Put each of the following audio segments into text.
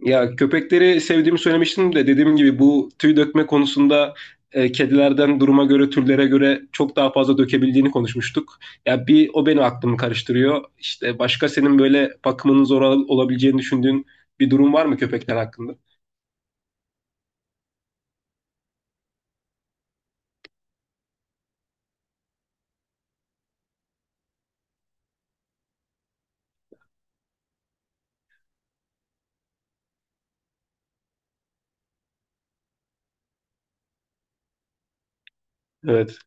Ya köpekleri sevdiğimi söylemiştim de dediğim gibi bu tüy dökme konusunda kedilerden duruma göre türlere göre çok daha fazla dökebildiğini konuşmuştuk. Ya bir o beni aklımı karıştırıyor. İşte başka senin böyle bakımının olabileceğini düşündüğün bir durum var mı köpekler hakkında? Evet.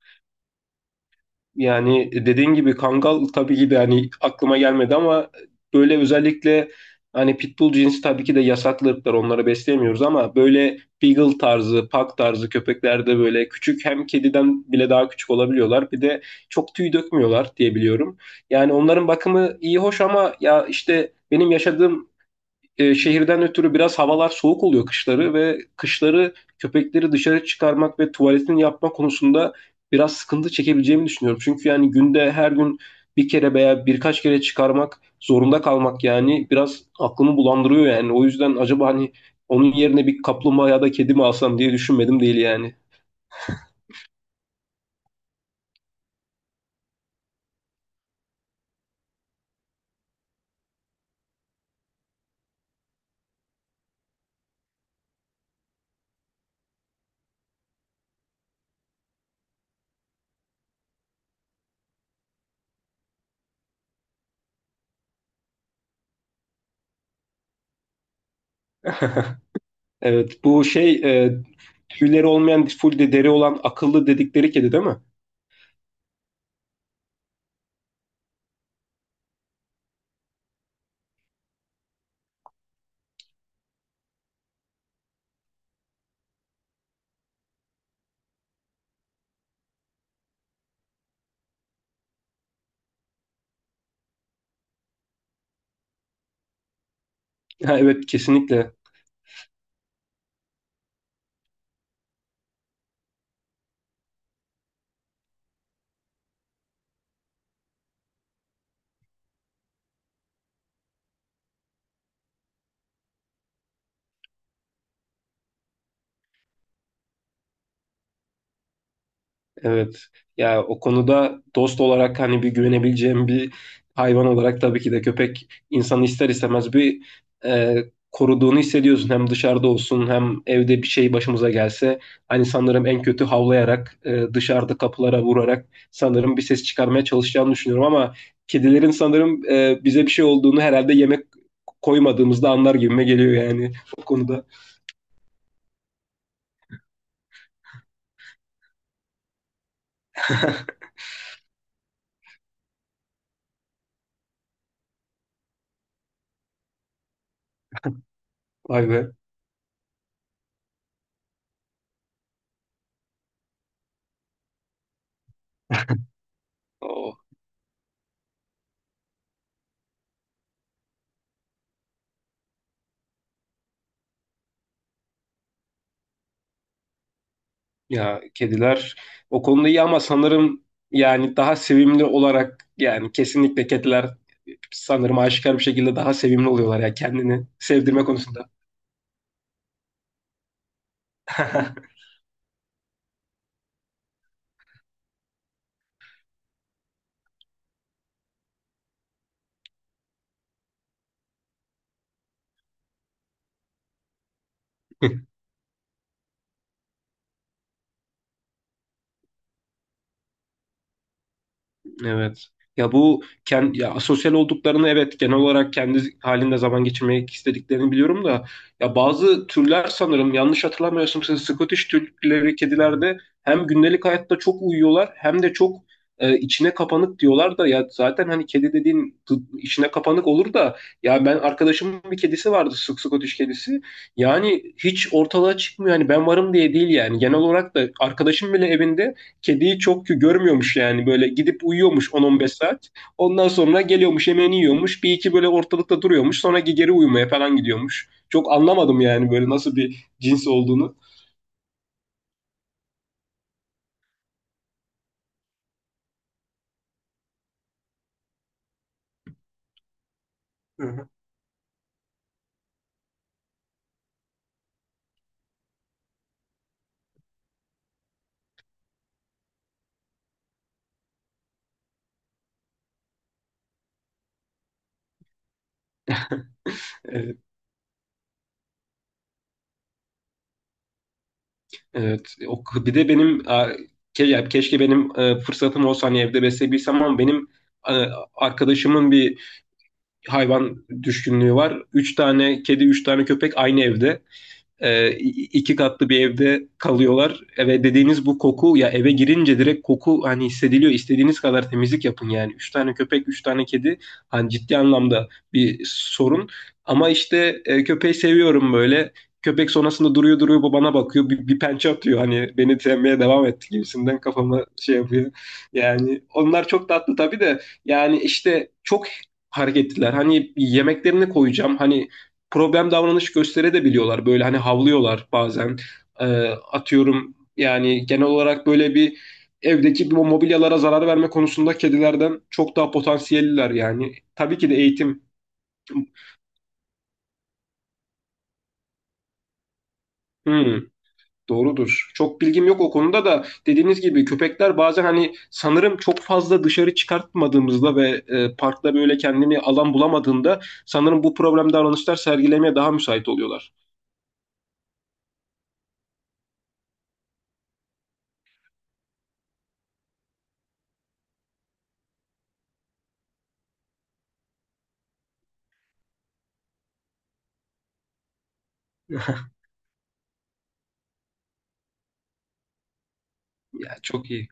Yani dediğin gibi Kangal tabii ki de hani aklıma gelmedi ama böyle özellikle hani Pitbull cinsi tabii ki de yasaklı ırklar onları besleyemiyoruz ama böyle Beagle tarzı, Pug tarzı köpeklerde böyle küçük hem kediden bile daha küçük olabiliyorlar. Bir de çok tüy dökmüyorlar diye biliyorum. Yani onların bakımı iyi hoş ama ya işte benim yaşadığım şehirden ötürü biraz havalar soğuk oluyor kışları ve kışları köpekleri dışarı çıkarmak ve tuvaletini yapma konusunda biraz sıkıntı çekebileceğimi düşünüyorum. Çünkü yani günde her gün bir kere veya birkaç kere çıkarmak zorunda kalmak yani biraz aklımı bulandırıyor yani. O yüzden acaba hani onun yerine bir kaplumbağa ya da kedi mi alsam diye düşünmedim değil yani. Evet, bu tüyleri olmayan full de deri olan akıllı dedikleri kedi değil mi? Ha, evet, kesinlikle. Evet. Ya o konuda dost olarak hani bir güvenebileceğim bir hayvan olarak tabii ki de köpek insanı ister istemez bir e, koruduğunu hissediyorsun. Hem dışarıda olsun hem evde bir şey başımıza gelse hani sanırım en kötü havlayarak dışarıda kapılara vurarak sanırım bir ses çıkarmaya çalışacağını düşünüyorum ama kedilerin sanırım bize bir şey olduğunu herhalde yemek koymadığımızda anlar gibime geliyor yani o konuda. Vay be. Ya kediler o konuda iyi ama sanırım yani daha sevimli olarak yani kesinlikle kediler sanırım aşikar bir şekilde daha sevimli oluyorlar ya kendini sevdirme konusunda. Evet. Ya bu kendi ya sosyal olduklarını evet genel olarak kendi halinde zaman geçirmek istediklerini biliyorum da ya bazı türler sanırım yanlış hatırlamıyorsam siz Scottish türleri kedilerde hem gündelik hayatta çok uyuyorlar hem de çok içine kapanık diyorlar da ya zaten hani kedi dediğin içine kapanık olur da ya ben arkadaşımın bir kedisi vardı Scottish kedisi, yani hiç ortalığa çıkmıyor hani ben varım diye değil yani genel olarak da arkadaşım bile evinde kediyi çok görmüyormuş yani böyle gidip uyuyormuş 10-15 saat. Ondan sonra geliyormuş yemeğini yiyormuş. Bir iki böyle ortalıkta duruyormuş. Sonra geri uyumaya falan gidiyormuş. Çok anlamadım yani böyle nasıl bir cins olduğunu. Hı hı. Evet. Evet. O, bir de benim a, ke, ya keşke benim fırsatım olsa hani evde besleyebilsem ama benim e, arkadaşımın bir hayvan düşkünlüğü var. Üç tane kedi, üç tane köpek aynı evde. E, iki katlı bir evde kalıyorlar. Eve dediğiniz bu koku, ya eve girince direkt koku hani hissediliyor. İstediğiniz kadar temizlik yapın yani. Üç tane köpek, üç tane kedi, hani ciddi anlamda bir sorun. Ama işte köpeği seviyorum böyle. Köpek sonrasında duruyor duruyor, bu bana bakıyor. Bir pençe atıyor hani beni sevmeye devam etti gibisinden kafama şey yapıyor. Yani onlar çok tatlı tabii de yani işte çok hareketliler. Hani yemeklerini koyacağım. Hani problem davranış gösterebiliyorlar. Böyle hani havlıyorlar bazen. Ee, Atıyorum yani genel olarak böyle bir evdeki bu mobilyalara zarar verme konusunda kedilerden çok daha potansiyelliler yani. Tabii ki de eğitim. Hmm, doğrudur. Çok bilgim yok o konuda da dediğiniz gibi köpekler bazen hani sanırım çok fazla dışarı çıkartmadığımızda ve parkta böyle kendini alan bulamadığında sanırım bu problem davranışlar sergilemeye daha müsait oluyorlar. Ya çok iyi.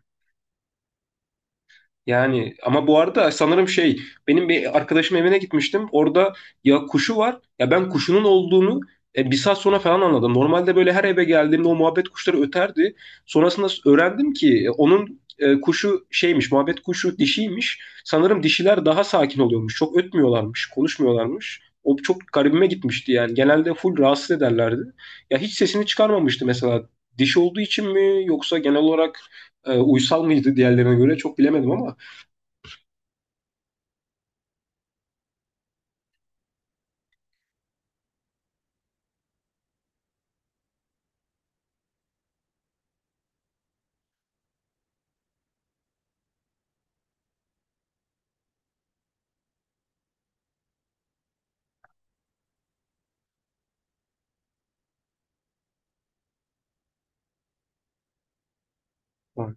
Yani ama bu arada sanırım şey, benim bir arkadaşım evine gitmiştim. Orada ya kuşu var ya ben kuşunun olduğunu bir saat sonra falan anladım. Normalde böyle her eve geldiğimde o muhabbet kuşları öterdi. Sonrasında öğrendim ki kuşu şeymiş, muhabbet kuşu dişiymiş. Sanırım dişiler daha sakin oluyormuş. Çok ötmüyorlarmış, konuşmuyorlarmış. O çok garibime gitmişti yani. Genelde full rahatsız ederlerdi. Ya hiç sesini çıkarmamıştı mesela. Dişi olduğu için mi yoksa genel olarak uysal mıydı diğerlerine göre çok bilemedim ama. Bak,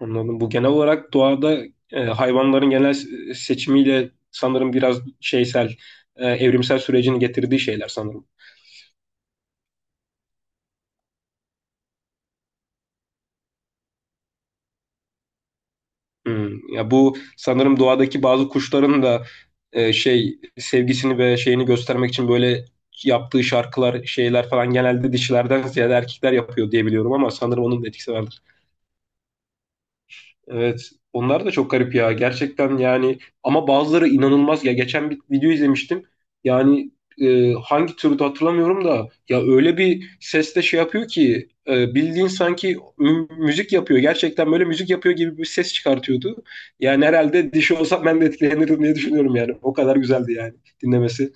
anladım. Bu genel olarak doğada hayvanların genel seçimiyle sanırım biraz şeysel, evrimsel sürecini getirdiği şeyler sanırım. Hmm. Ya bu sanırım doğadaki bazı kuşların da şey sevgisini ve şeyini göstermek için böyle yaptığı şarkılar, şeyler falan genelde dişilerden ziyade erkekler yapıyor diye biliyorum ama sanırım onun da etkisi vardır. Evet. Onlar da çok garip ya. Gerçekten yani ama bazıları inanılmaz ya. Geçen bir video izlemiştim. Yani hangi türde hatırlamıyorum da ya öyle bir sesle şey yapıyor ki, bildiğin sanki müzik yapıyor. Gerçekten böyle müzik yapıyor gibi bir ses çıkartıyordu. Yani herhalde dişi olsam ben de etkilenirdim diye düşünüyorum yani. O kadar güzeldi yani dinlemesi.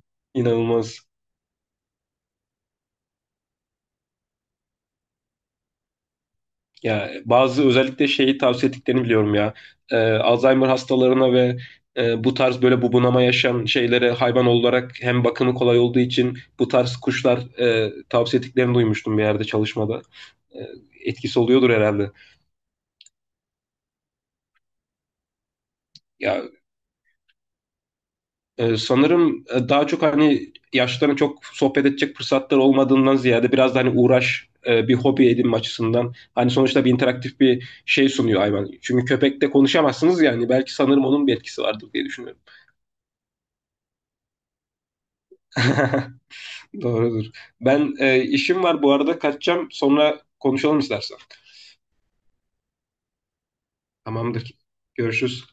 İnanılmaz. Ya bazı özellikle şeyi tavsiye ettiklerini biliyorum ya. Alzheimer hastalarına ve bu tarz böyle bubunama yaşayan şeylere hayvan olarak hem bakımı kolay olduğu için bu tarz kuşlar tavsiye ettiklerini duymuştum bir yerde çalışmada. E, Etkisi oluyordur herhalde. Ya sanırım daha çok hani yaşlıların çok sohbet edecek fırsatlar olmadığından ziyade biraz da hani uğraş, bir hobi edinme açısından hani sonuçta bir interaktif bir şey sunuyor hayvan. Çünkü köpekle konuşamazsınız yani belki sanırım onun bir etkisi vardır diye düşünüyorum. Doğrudur. Ben işim var bu arada, kaçacağım. Sonra konuşalım istersen. Tamamdır. Görüşürüz.